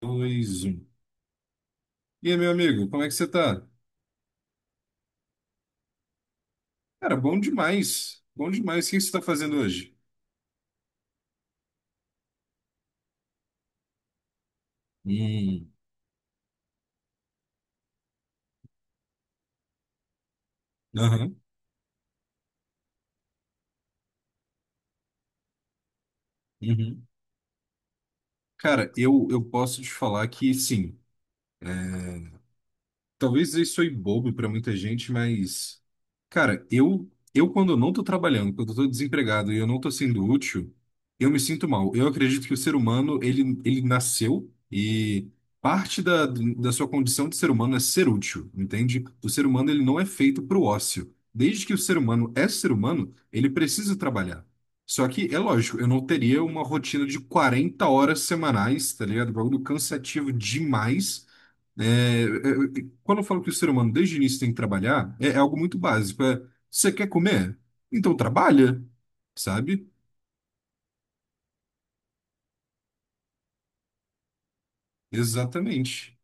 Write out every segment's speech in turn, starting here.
Dois, um. E aí, meu amigo, como é que você tá? Cara, bom demais. Bom demais. O que você tá fazendo hoje? Hum. Aham. Uhum. Cara, eu posso te falar que sim. Talvez isso soe bobo pra muita gente, mas, cara, eu quando eu não tô trabalhando, quando eu tô desempregado e eu não tô sendo útil, eu me sinto mal. Eu acredito que o ser humano, ele nasceu e parte da sua condição de ser humano é ser útil, entende? O ser humano, ele não é feito pro ócio. Desde que o ser humano é ser humano, ele precisa trabalhar. Só que, é lógico, eu não teria uma rotina de 40 horas semanais, tá ligado? Bagulho cansativo demais. Quando eu falo que o ser humano desde o início tem que trabalhar, é, é algo muito básico. É, você quer comer? Então trabalha, sabe? Exatamente.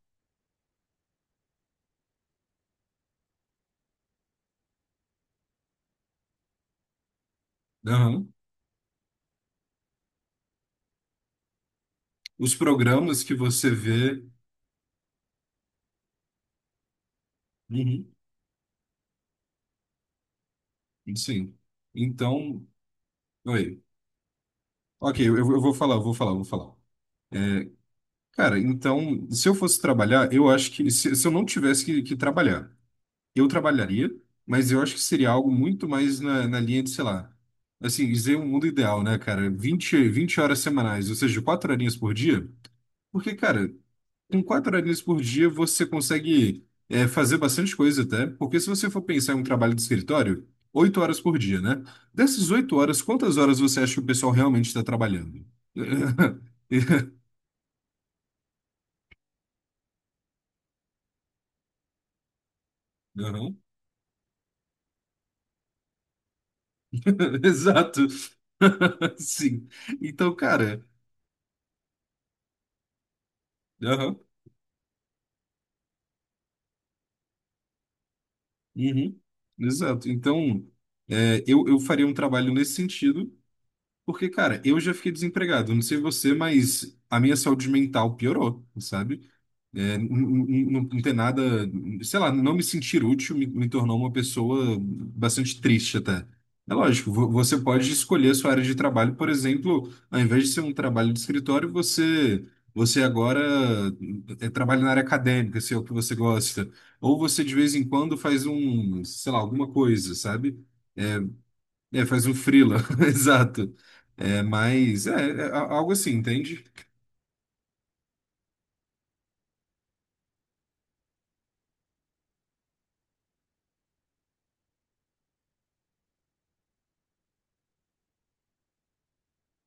Aham. Os programas que você vê. Uhum. Sim. Então. Oi. Ok, eu vou falar. É, cara, então, se eu fosse trabalhar, eu acho que se eu não tivesse que trabalhar. Eu trabalharia, mas eu acho que seria algo muito mais na linha de, sei lá, assim, dizer um mundo ideal, né, cara? Vinte horas semanais, ou seja, 4 horinhas por dia. Porque, cara, com 4 horinhas por dia você consegue é, fazer bastante coisa até, porque se você for pensar em um trabalho de escritório, 8 horas por dia, né? Dessas 8 horas, quantas horas você acha que o pessoal realmente está trabalhando? Aham. Exato. Sim. Então, cara. Aham. Uhum. Exato. Então, é, eu faria um trabalho nesse sentido, porque, cara, eu já fiquei desempregado. Não sei você, mas a minha saúde mental piorou, sabe? É, não, tem nada, sei lá, não me sentir útil me tornou uma pessoa bastante triste até. É lógico, você pode escolher a sua área de trabalho, por exemplo, ao invés de ser um trabalho de escritório, você agora trabalha na área acadêmica, se é o que você gosta. Ou você de vez em quando faz um, sei lá, alguma coisa, sabe? É, faz um freela, exato. É, mas é, é algo assim, entende?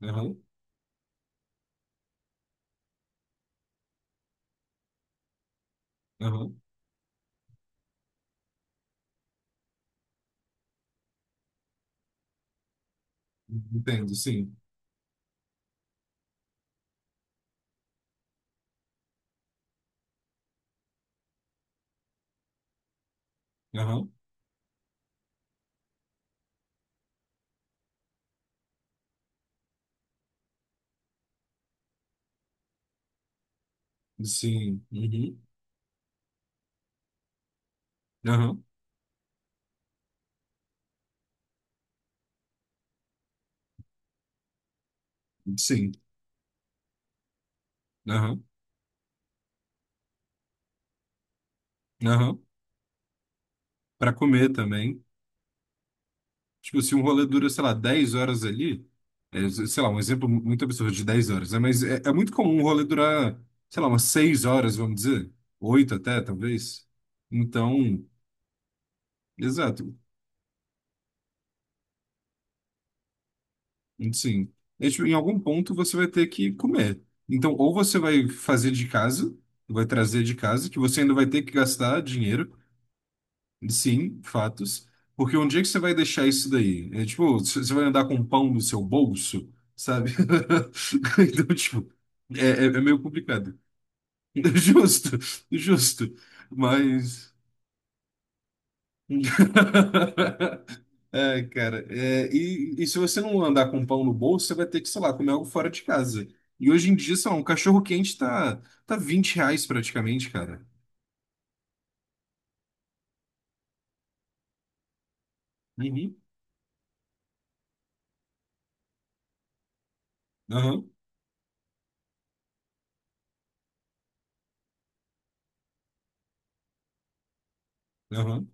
Aham, aham. Entendo, sim. Aham. Sim. Uhum. Aham. Sim. Aham. Aham. Para comer também. Tipo, se um rolê dura, sei lá, 10 horas ali, é, sei lá, um exemplo muito absurdo de 10 horas, né? Mas é muito comum um rolê durar, sei lá, umas 6 horas, vamos dizer. Oito até, talvez. Então, exato. Sim. É, tipo, em algum ponto você vai ter que comer. Então, ou você vai fazer de casa, vai trazer de casa, que você ainda vai ter que gastar dinheiro. Sim, fatos. Porque onde é que você vai deixar isso daí? É tipo, você vai andar com um pão no seu bolso, sabe? Então, tipo, é, é meio complicado. Justo, justo. Mas. É, cara. É, e se você não andar com um pão no bolso, você vai ter que, sei lá, comer algo fora de casa. E hoje em dia, sei lá, um cachorro quente tá R$ 20 praticamente, cara. Uhum. Aham, aham,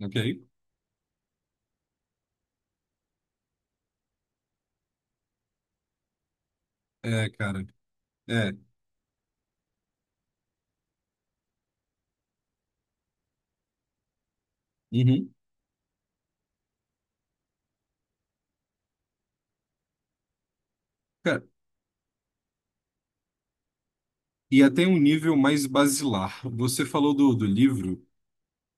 ok. É, cara. É. Uhum. E até um nível mais basilar. Você falou do livro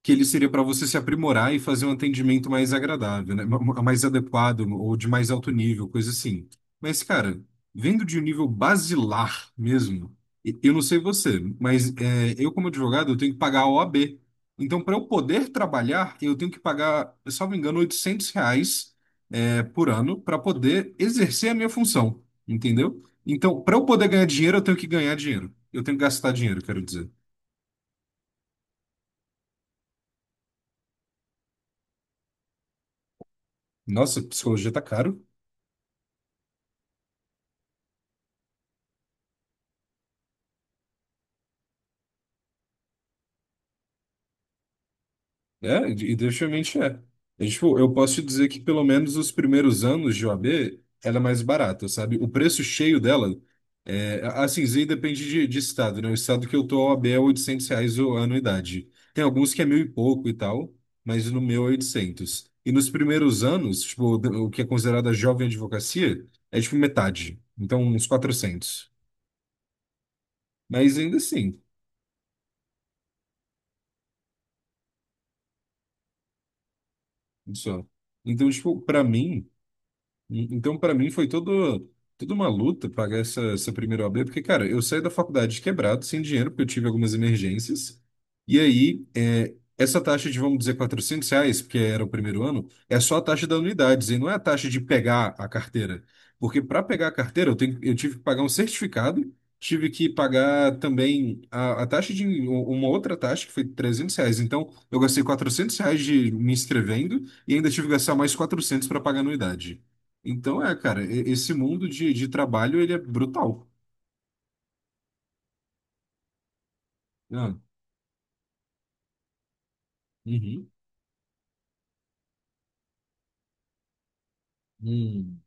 que ele seria para você se aprimorar e fazer um atendimento mais agradável, né? Mais adequado ou de mais alto nível, coisa assim. Mas, cara, vendo de um nível basilar mesmo, eu não sei você, mas é, eu, como advogado, eu tenho que pagar a OAB. Então, para eu poder trabalhar, eu tenho que pagar, salvo engano, R$ 800 é, por ano para poder exercer a minha função, entendeu? Então, para eu poder ganhar dinheiro, eu tenho que ganhar dinheiro. Eu tenho que gastar dinheiro, quero dizer. Nossa, psicologia tá caro. É, e definitivamente é. E, tipo, eu posso te dizer que pelo menos os primeiros anos de OAB, ela é mais barata, sabe? O preço cheio dela, é, assim, isso aí depende de estado, né? O estado que eu tô, a OAB é R$ 800 a anuidade. Tem alguns que é mil e pouco e tal, mas no meu é 800. E nos primeiros anos, tipo, o que é considerada jovem advocacia, é tipo metade. Então, uns 400. Mas ainda assim, só. Então, tipo, pra mim... Então, para mim, foi todo, toda uma luta pagar essa primeira OAB, porque, cara, eu saí da faculdade quebrado, sem dinheiro, porque eu tive algumas emergências. E aí, é, essa taxa de, vamos dizer, R$ 400, porque era o primeiro ano, é só a taxa da unidade, e não é a taxa de pegar a carteira. Porque para pegar a carteira, eu tive que pagar um certificado, tive que pagar também a taxa de um, uma outra taxa, que foi R$ 300. Então, eu gastei R$ 400 de me inscrevendo e ainda tive que gastar mais 400 para pagar a anuidade. Então é, cara, esse mundo de trabalho, ele é brutal. Ah, uhum. Hum.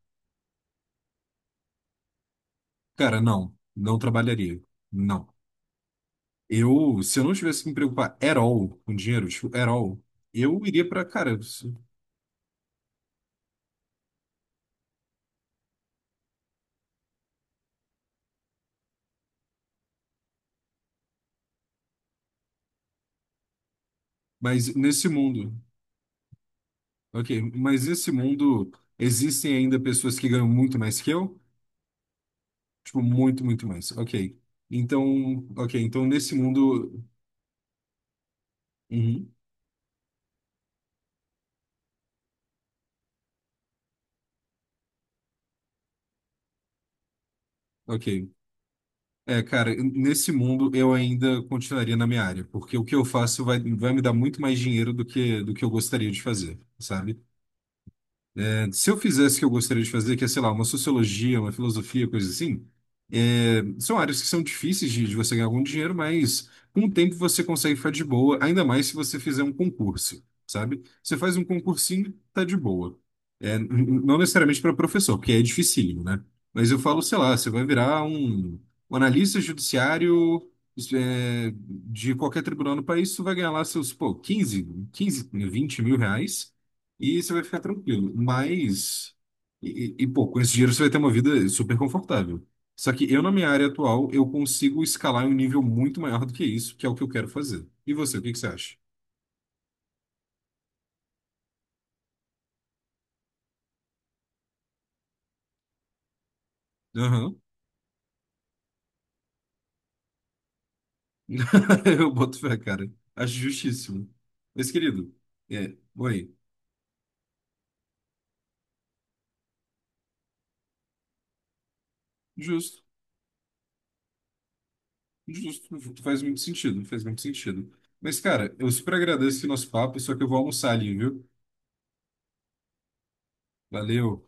Cara, não, não trabalharia. Não. Eu, se eu não tivesse que me preocupar at all com dinheiro, tipo, at all, eu iria pra, cara, isso- mas nesse mundo, ok, mas nesse mundo existem ainda pessoas que ganham muito mais que eu? Tipo, muito, muito mais, ok. Então, ok, então nesse mundo, uhum, ok. É, cara, nesse mundo eu ainda continuaria na minha área, porque o que eu faço vai, vai me dar muito mais dinheiro do que eu gostaria de fazer, sabe? É, se eu fizesse o que eu gostaria de fazer, que é, sei lá, uma sociologia, uma filosofia, coisa assim, é, são áreas que são difíceis de você ganhar algum dinheiro, mas com o tempo você consegue ficar de boa, ainda mais se você fizer um concurso, sabe? Você faz um concursinho, tá de boa. É, não necessariamente para professor, porque é dificílimo, né? Mas eu falo, sei lá, você vai virar um, um analista judiciário isso é, de qualquer tribunal no país, você vai ganhar lá seus, pô, 15, 20 mil reais. E você vai ficar tranquilo. Mas, pô, com esse dinheiro você vai ter uma vida super confortável. Só que eu, na minha área atual, eu consigo escalar em um nível muito maior do que isso, que é o que eu quero fazer. E você, o que que você acha? Aham. Eu boto fé, cara. Acho justíssimo. Mas, querido, é, oi, justo, justo, faz muito sentido, faz muito sentido. Mas, cara, eu super agradeço esse nosso papo, só que eu vou almoçar ali, viu? Valeu.